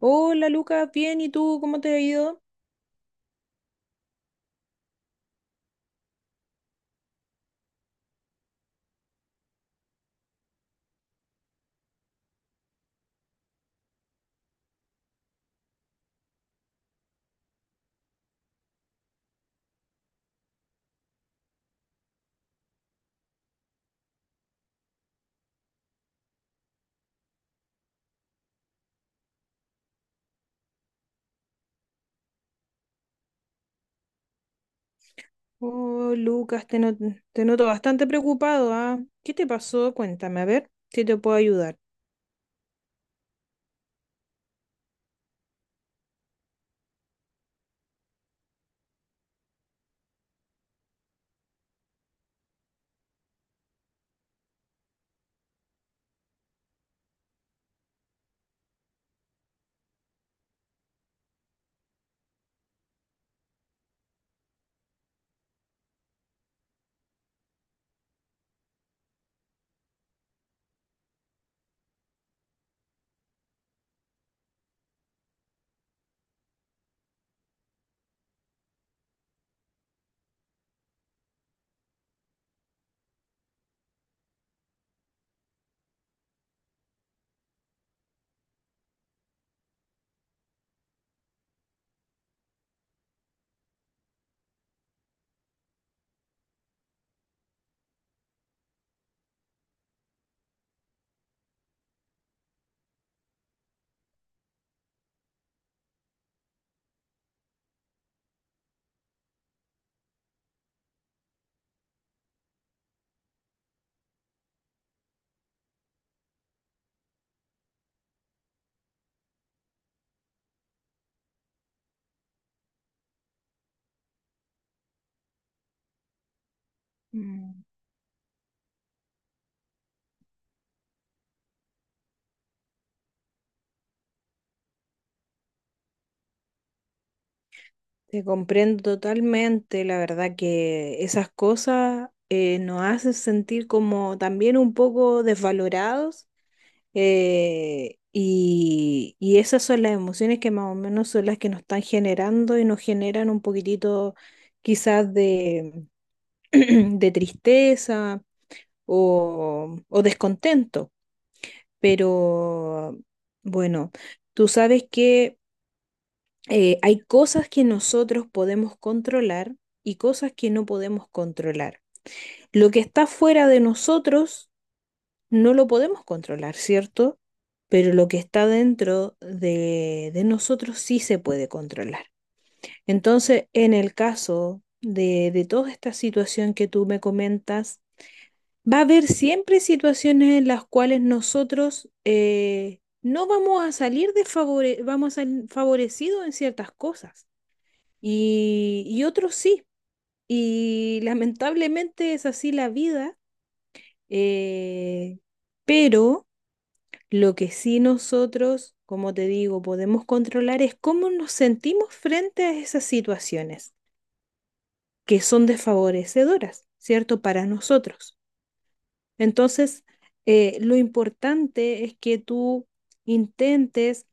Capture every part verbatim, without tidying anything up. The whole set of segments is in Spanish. Hola, Lucas, bien, ¿y tú cómo te ha ido? Oh, Lucas, te, not- te noto bastante preocupado, ¿ah? ¿Qué te pasó? Cuéntame, a ver si te puedo ayudar. Mm, te comprendo totalmente, la verdad que esas cosas eh, nos hacen sentir como también un poco desvalorados, eh, y, y esas son las emociones que más o menos son las que nos están generando y nos generan un poquitito quizás de, de tristeza o, o descontento. Pero bueno, tú sabes que eh, hay cosas que nosotros podemos controlar y cosas que no podemos controlar. Lo que está fuera de nosotros no lo podemos controlar, ¿cierto? Pero lo que está dentro de, de nosotros sí se puede controlar. Entonces, en el caso de, de toda esta situación que tú me comentas, va a haber siempre situaciones en las cuales nosotros eh, no vamos a salir desfavore- vamos a salir favorecidos en ciertas cosas, y, y otros sí. Y lamentablemente es así la vida, eh, pero lo que sí nosotros, como te digo, podemos controlar es cómo nos sentimos frente a esas situaciones que son desfavorecedoras, ¿cierto? Para nosotros. Entonces, eh, lo importante es que tú intentes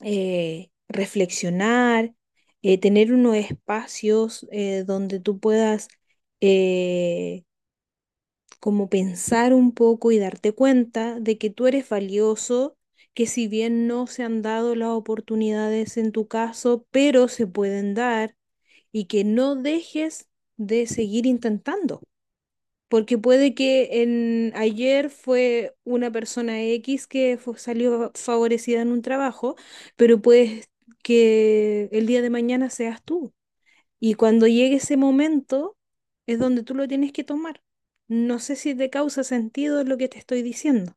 eh, reflexionar, eh, tener unos espacios eh, donde tú puedas eh, como pensar un poco y darte cuenta de que tú eres valioso, que si bien no se han dado las oportunidades en tu caso, pero se pueden dar y que no dejes de seguir intentando. Porque puede que en ayer fue una persona X que fu- salió favorecida en un trabajo, pero puede que el día de mañana seas tú. Y cuando llegue ese momento es donde tú lo tienes que tomar. No sé si te causa sentido lo que te estoy diciendo.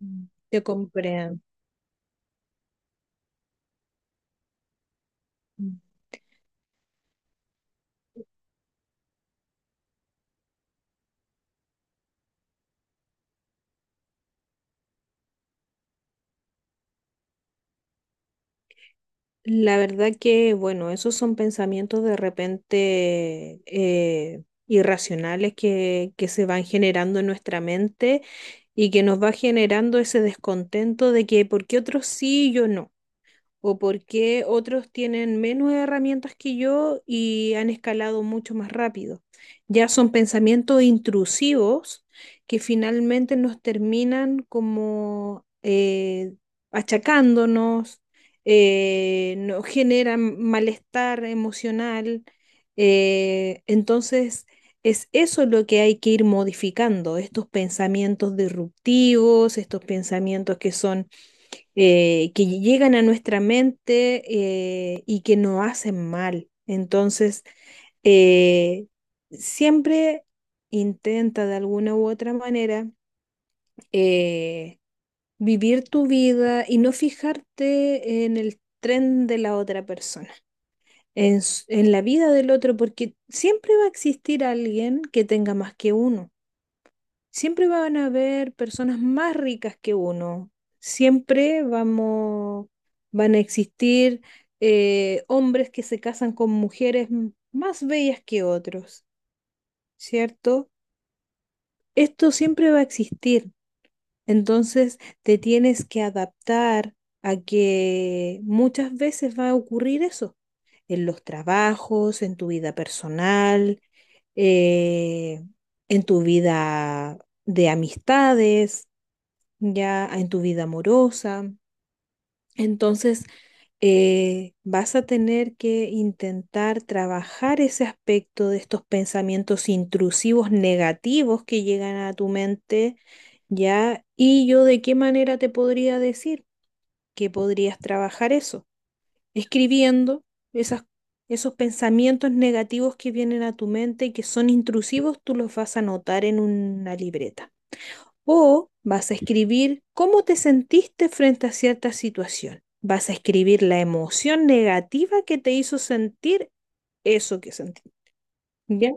Mm, te comprendo. La verdad que, bueno, esos son pensamientos de repente eh, irracionales que, que se van generando en nuestra mente y que nos va generando ese descontento de que ¿por qué otros sí y yo no? O por qué otros tienen menos herramientas que yo y han escalado mucho más rápido. Ya son pensamientos intrusivos que finalmente nos terminan como eh, achacándonos, eh, nos generan malestar emocional. eh, entonces, es eso lo que hay que ir modificando, estos pensamientos disruptivos, estos pensamientos que son eh, que llegan a nuestra mente, eh, y que nos hacen mal. Entonces, eh, siempre intenta de alguna u otra manera eh, vivir tu vida y no fijarte en el tren de la otra persona, en, s- en la vida del otro, porque siempre va a existir alguien que tenga más que uno. Siempre van a haber personas más ricas que uno. Siempre vamos, van a existir eh, hombres que se casan con mujeres m- más bellas que otros, ¿cierto? Esto siempre va a existir. Entonces te tienes que adaptar a que muchas veces va a ocurrir eso, en los trabajos, en tu vida personal, eh, en tu vida de amistades, ya en tu vida amorosa. Entonces, eh, vas a tener que intentar trabajar ese aspecto de estos pensamientos intrusivos negativos que llegan a tu mente, ya. ¿Y yo de qué manera te podría decir que podrías trabajar eso? Escribiendo esas, esos pensamientos negativos que vienen a tu mente y que son intrusivos, tú los vas a anotar en una libreta. O vas a escribir cómo te sentiste frente a cierta situación. Vas a escribir la emoción negativa que te hizo sentir eso que sentiste. ¿Ya?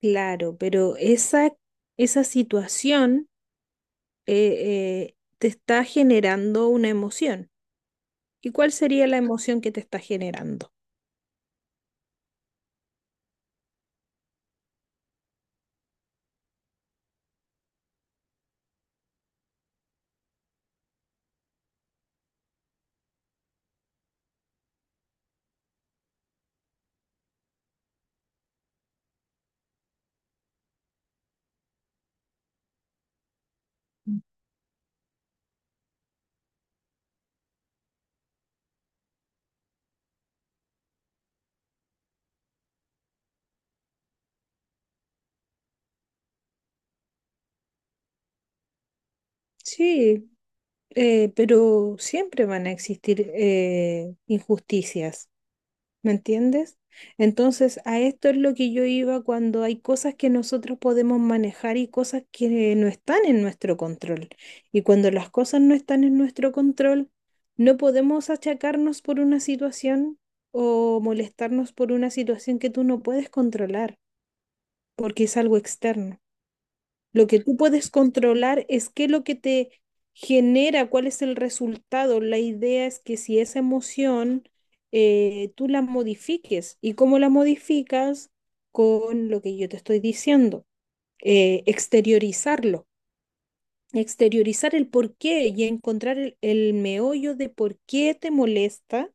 Claro, pero esa, esa situación, eh, eh, te está generando una emoción. ¿Y cuál sería la emoción que te está generando? Sí, eh, pero siempre van a existir eh, injusticias. ¿Me entiendes? Entonces, a esto es lo que yo iba cuando hay cosas que nosotros podemos manejar y cosas que no están en nuestro control. Y cuando las cosas no están en nuestro control, no podemos achacarnos por una situación o molestarnos por una situación que tú no puedes controlar, porque es algo externo. Lo que tú puedes controlar es qué es lo que te genera, cuál es el resultado. La idea es que si esa emoción eh, tú la modifiques, y cómo la modificas, con lo que yo te estoy diciendo, eh, exteriorizarlo, exteriorizar el por qué y encontrar el, el meollo de por qué te molesta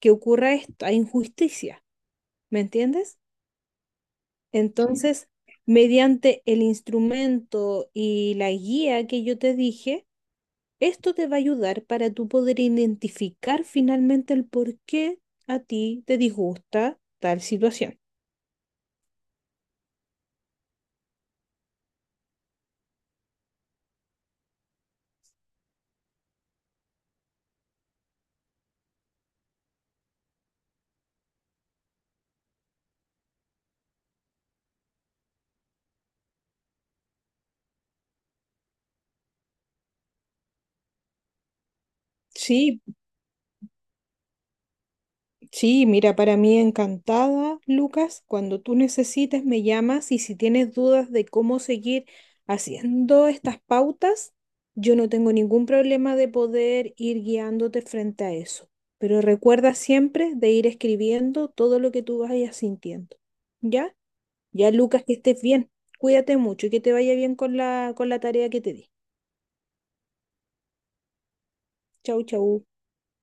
que ocurra esta injusticia. ¿Me entiendes? Entonces, mediante el instrumento y la guía que yo te dije, esto te va a ayudar para tú poder identificar finalmente el por qué a ti te disgusta tal situación. Sí, sí, mira, para mí encantada, Lucas, cuando tú necesites me llamas y si tienes dudas de cómo seguir haciendo estas pautas, yo no tengo ningún problema de poder ir guiándote frente a eso. Pero recuerda siempre de ir escribiendo todo lo que tú vayas sintiendo. ¿Ya? Ya, Lucas, que estés bien. Cuídate mucho y que te vaya bien con la, con la tarea que te di. Chau, chau.